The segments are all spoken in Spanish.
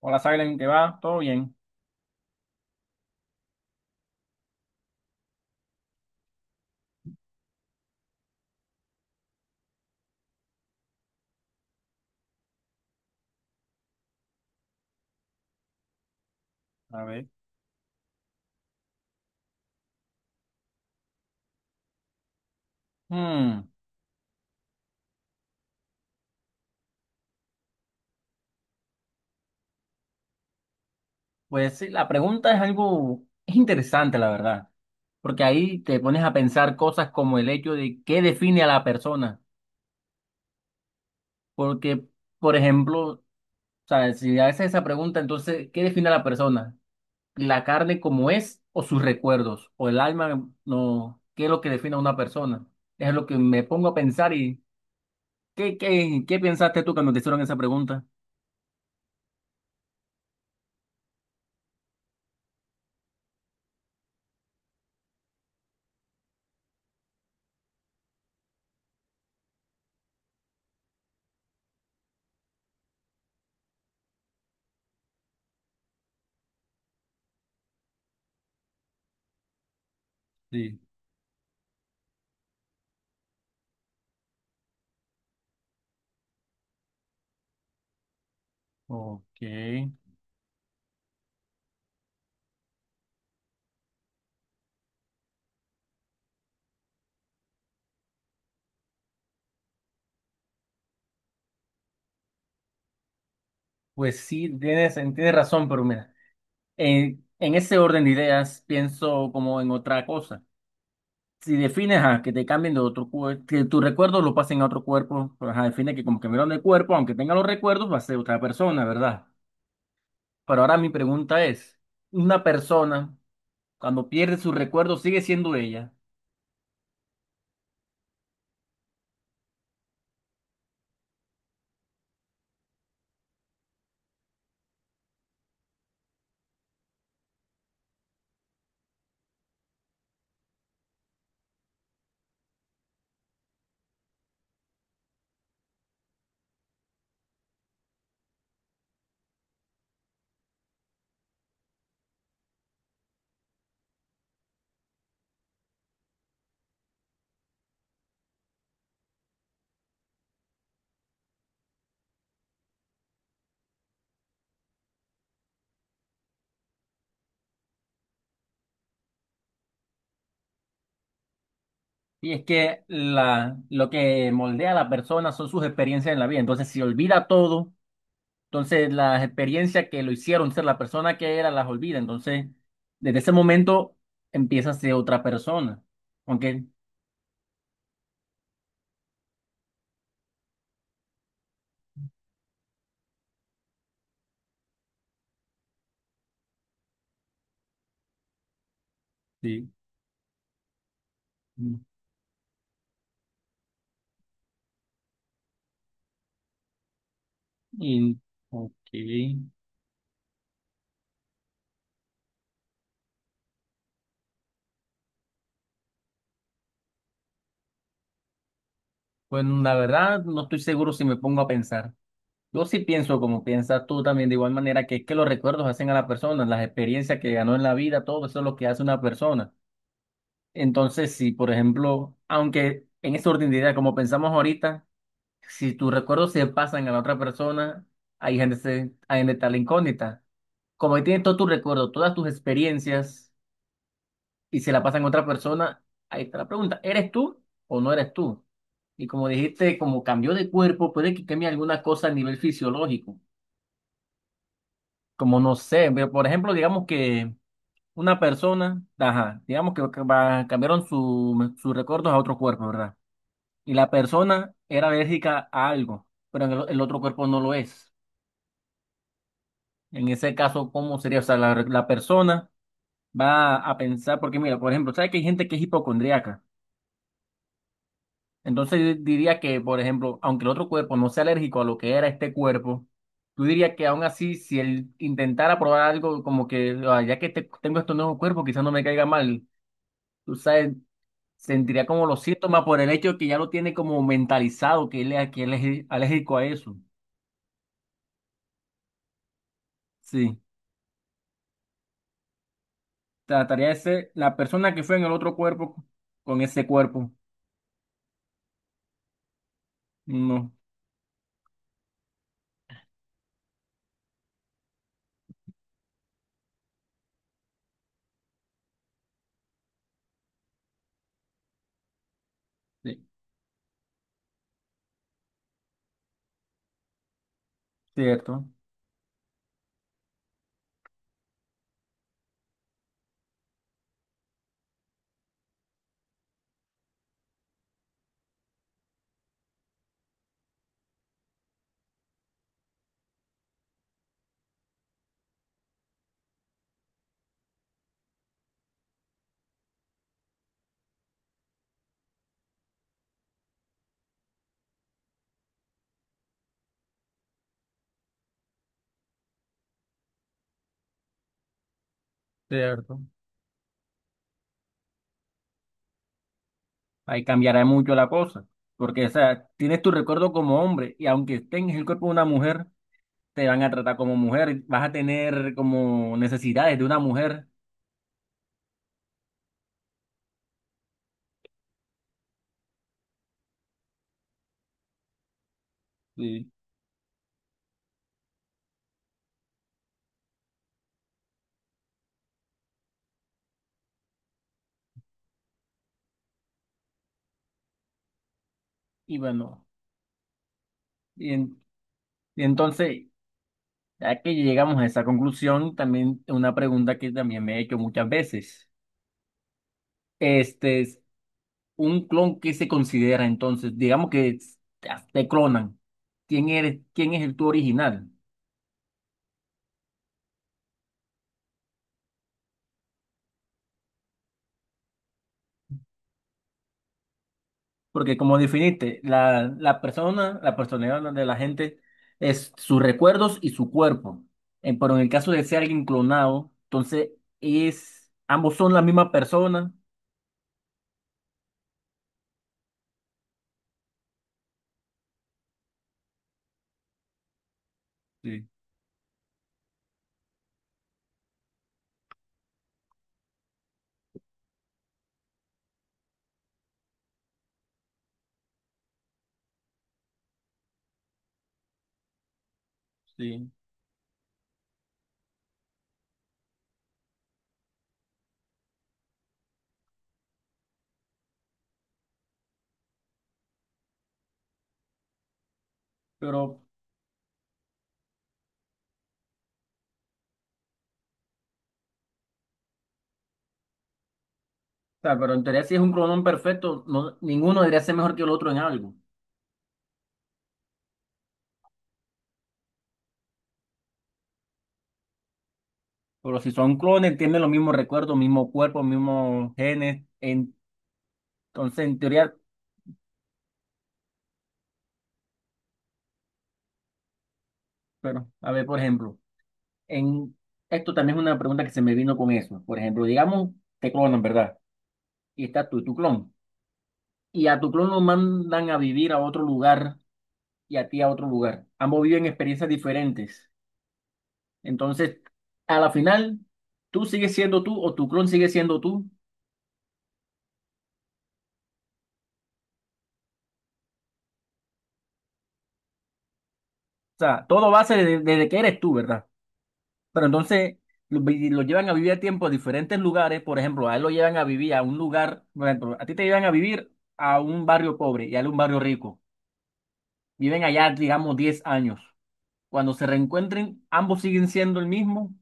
Hola, Silen, ¿qué va? ¿Todo bien? A ver. Hmm, pues sí, la pregunta es algo, es interesante, la verdad, porque ahí te pones a pensar cosas como el hecho de qué define a la persona, porque, por ejemplo, o sea, si haces esa pregunta, entonces, ¿qué define a la persona? ¿La carne como es o sus recuerdos? ¿O el alma? No, ¿qué es lo que define a una persona? Es lo que me pongo a pensar y ¿qué pensaste tú cuando te hicieron esa pregunta? Sí. Ok. Pues sí, tienes razón, pero mira, en ese orden de ideas pienso como en otra cosa. Si defines a que te cambien de otro cuerpo, que tus recuerdos lo pasen a otro cuerpo, pues ajá, define que como cambiaron de cuerpo, aunque tenga los recuerdos, va a ser otra persona, ¿verdad? Pero ahora mi pregunta es, una persona cuando pierde sus recuerdos sigue siendo ella. Y es que lo que moldea a la persona son sus experiencias en la vida, entonces si olvida todo. Entonces, las experiencias que lo hicieron ser la persona que era las olvida. Entonces, desde ese momento empieza a ser otra persona. Aunque, sí. Y, ok. Bueno, la verdad, no estoy seguro si me pongo a pensar. Yo sí pienso como piensas tú también, de igual manera que es que los recuerdos hacen a la persona, las experiencias que ganó en la vida, todo eso es lo que hace una persona. Entonces, si, por ejemplo, aunque en esa orden de ideas, como pensamos ahorita, si tus recuerdos se pasan a la otra persona, ahí gente se, ahí donde está la incógnita. Como ahí tienes todos tus recuerdos, todas tus experiencias, y se la pasan a otra persona, ahí está la pregunta, ¿eres tú o no eres tú? Y como dijiste, como cambió de cuerpo, puede que cambie alguna cosa a nivel fisiológico. Como no sé, por ejemplo, digamos que una persona, ajá, digamos que cambiaron sus recuerdos a otro cuerpo, ¿verdad? Y la persona era alérgica a algo, pero en el otro cuerpo no lo es. En ese caso, ¿cómo sería? O sea, la persona va a pensar, porque mira, por ejemplo, ¿sabes que hay gente que es hipocondríaca? Entonces yo diría que, por ejemplo, aunque el otro cuerpo no sea alérgico a lo que era este cuerpo, tú dirías que aún así, si él intentara probar algo como que, "Ah, ya que tengo este nuevo cuerpo, quizás no me caiga mal, tú sabes, sentiría como los síntomas por el hecho de que ya lo tiene como mentalizado, que él, que él es alérgico a eso". Sí, trataría de ser la persona que fue en el otro cuerpo con ese cuerpo. No. Sí. Cierto, cierto. Ahí cambiará mucho la cosa, porque, o sea, tienes tu recuerdo como hombre y aunque tengas el cuerpo de una mujer, te van a tratar como mujer, vas a tener como necesidades de una mujer. Sí. Y bueno, y, en- y entonces, ya que llegamos a esa conclusión, también una pregunta que también me he hecho muchas veces. Este es un clon que se considera entonces, digamos que te clonan. ¿Quién eres? ¿Quién es el tu original? Porque como definiste, la persona, la personalidad de la gente es sus recuerdos y su cuerpo. Pero en el caso de ser alguien clonado, entonces es, ambos son la misma persona. Sí, sí. Pero, o sea, pero en teoría si es un clonón perfecto, no, ninguno debería ser mejor que el otro en algo. Pero si son clones, tienen los mismos recuerdos, mismo cuerpo, mismos genes. Entonces, en teoría, pero, a ver, por ejemplo. En, esto también es una pregunta que se me vino con eso. Por ejemplo, digamos, te clonan, ¿verdad? Y está tú, tu clon. Y a tu clon lo mandan a vivir a otro lugar y a ti a otro lugar. Ambos viven experiencias diferentes. Entonces, a la final, tú sigues siendo tú o tu clon sigue siendo tú. O sea, todo va a ser desde, desde que eres tú, ¿verdad? Pero entonces lo llevan a vivir a tiempo a diferentes lugares. Por ejemplo, a él lo llevan a vivir a un lugar, por ejemplo, a ti te llevan a vivir a un barrio pobre y a él a un barrio rico. Viven allá, digamos, 10 años. Cuando se reencuentren, ambos siguen siendo el mismo.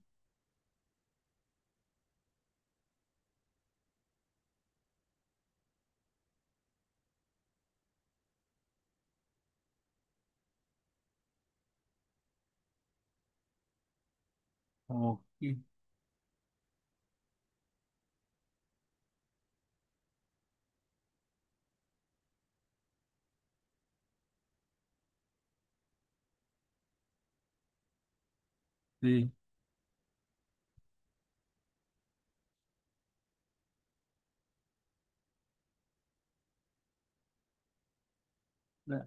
Ok, sí. O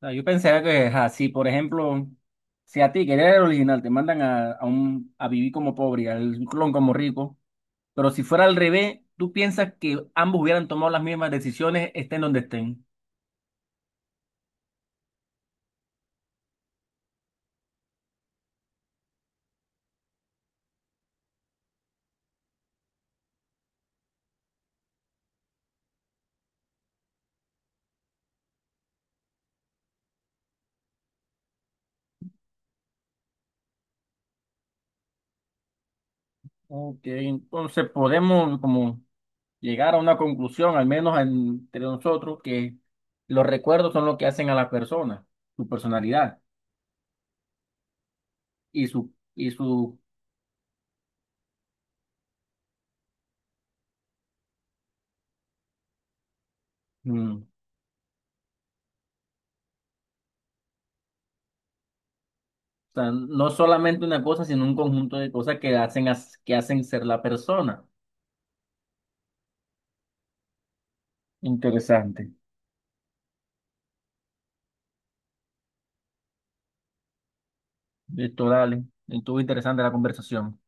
sea, yo pensaría que, ajá, si por ejemplo, si a ti, que eres el original, te mandan a vivir como pobre y al clon como rico, pero si fuera al revés, tú piensas que ambos hubieran tomado las mismas decisiones, estén donde estén. Ok, entonces podemos como llegar a una conclusión, al menos entre nosotros, que los recuerdos son lo que hacen a la persona, su personalidad. Y su, mm, o sea, no solamente una cosa, sino un conjunto de cosas que hacen, que hacen ser la persona. Interesante. Esto, dale. Estuvo interesante la conversación.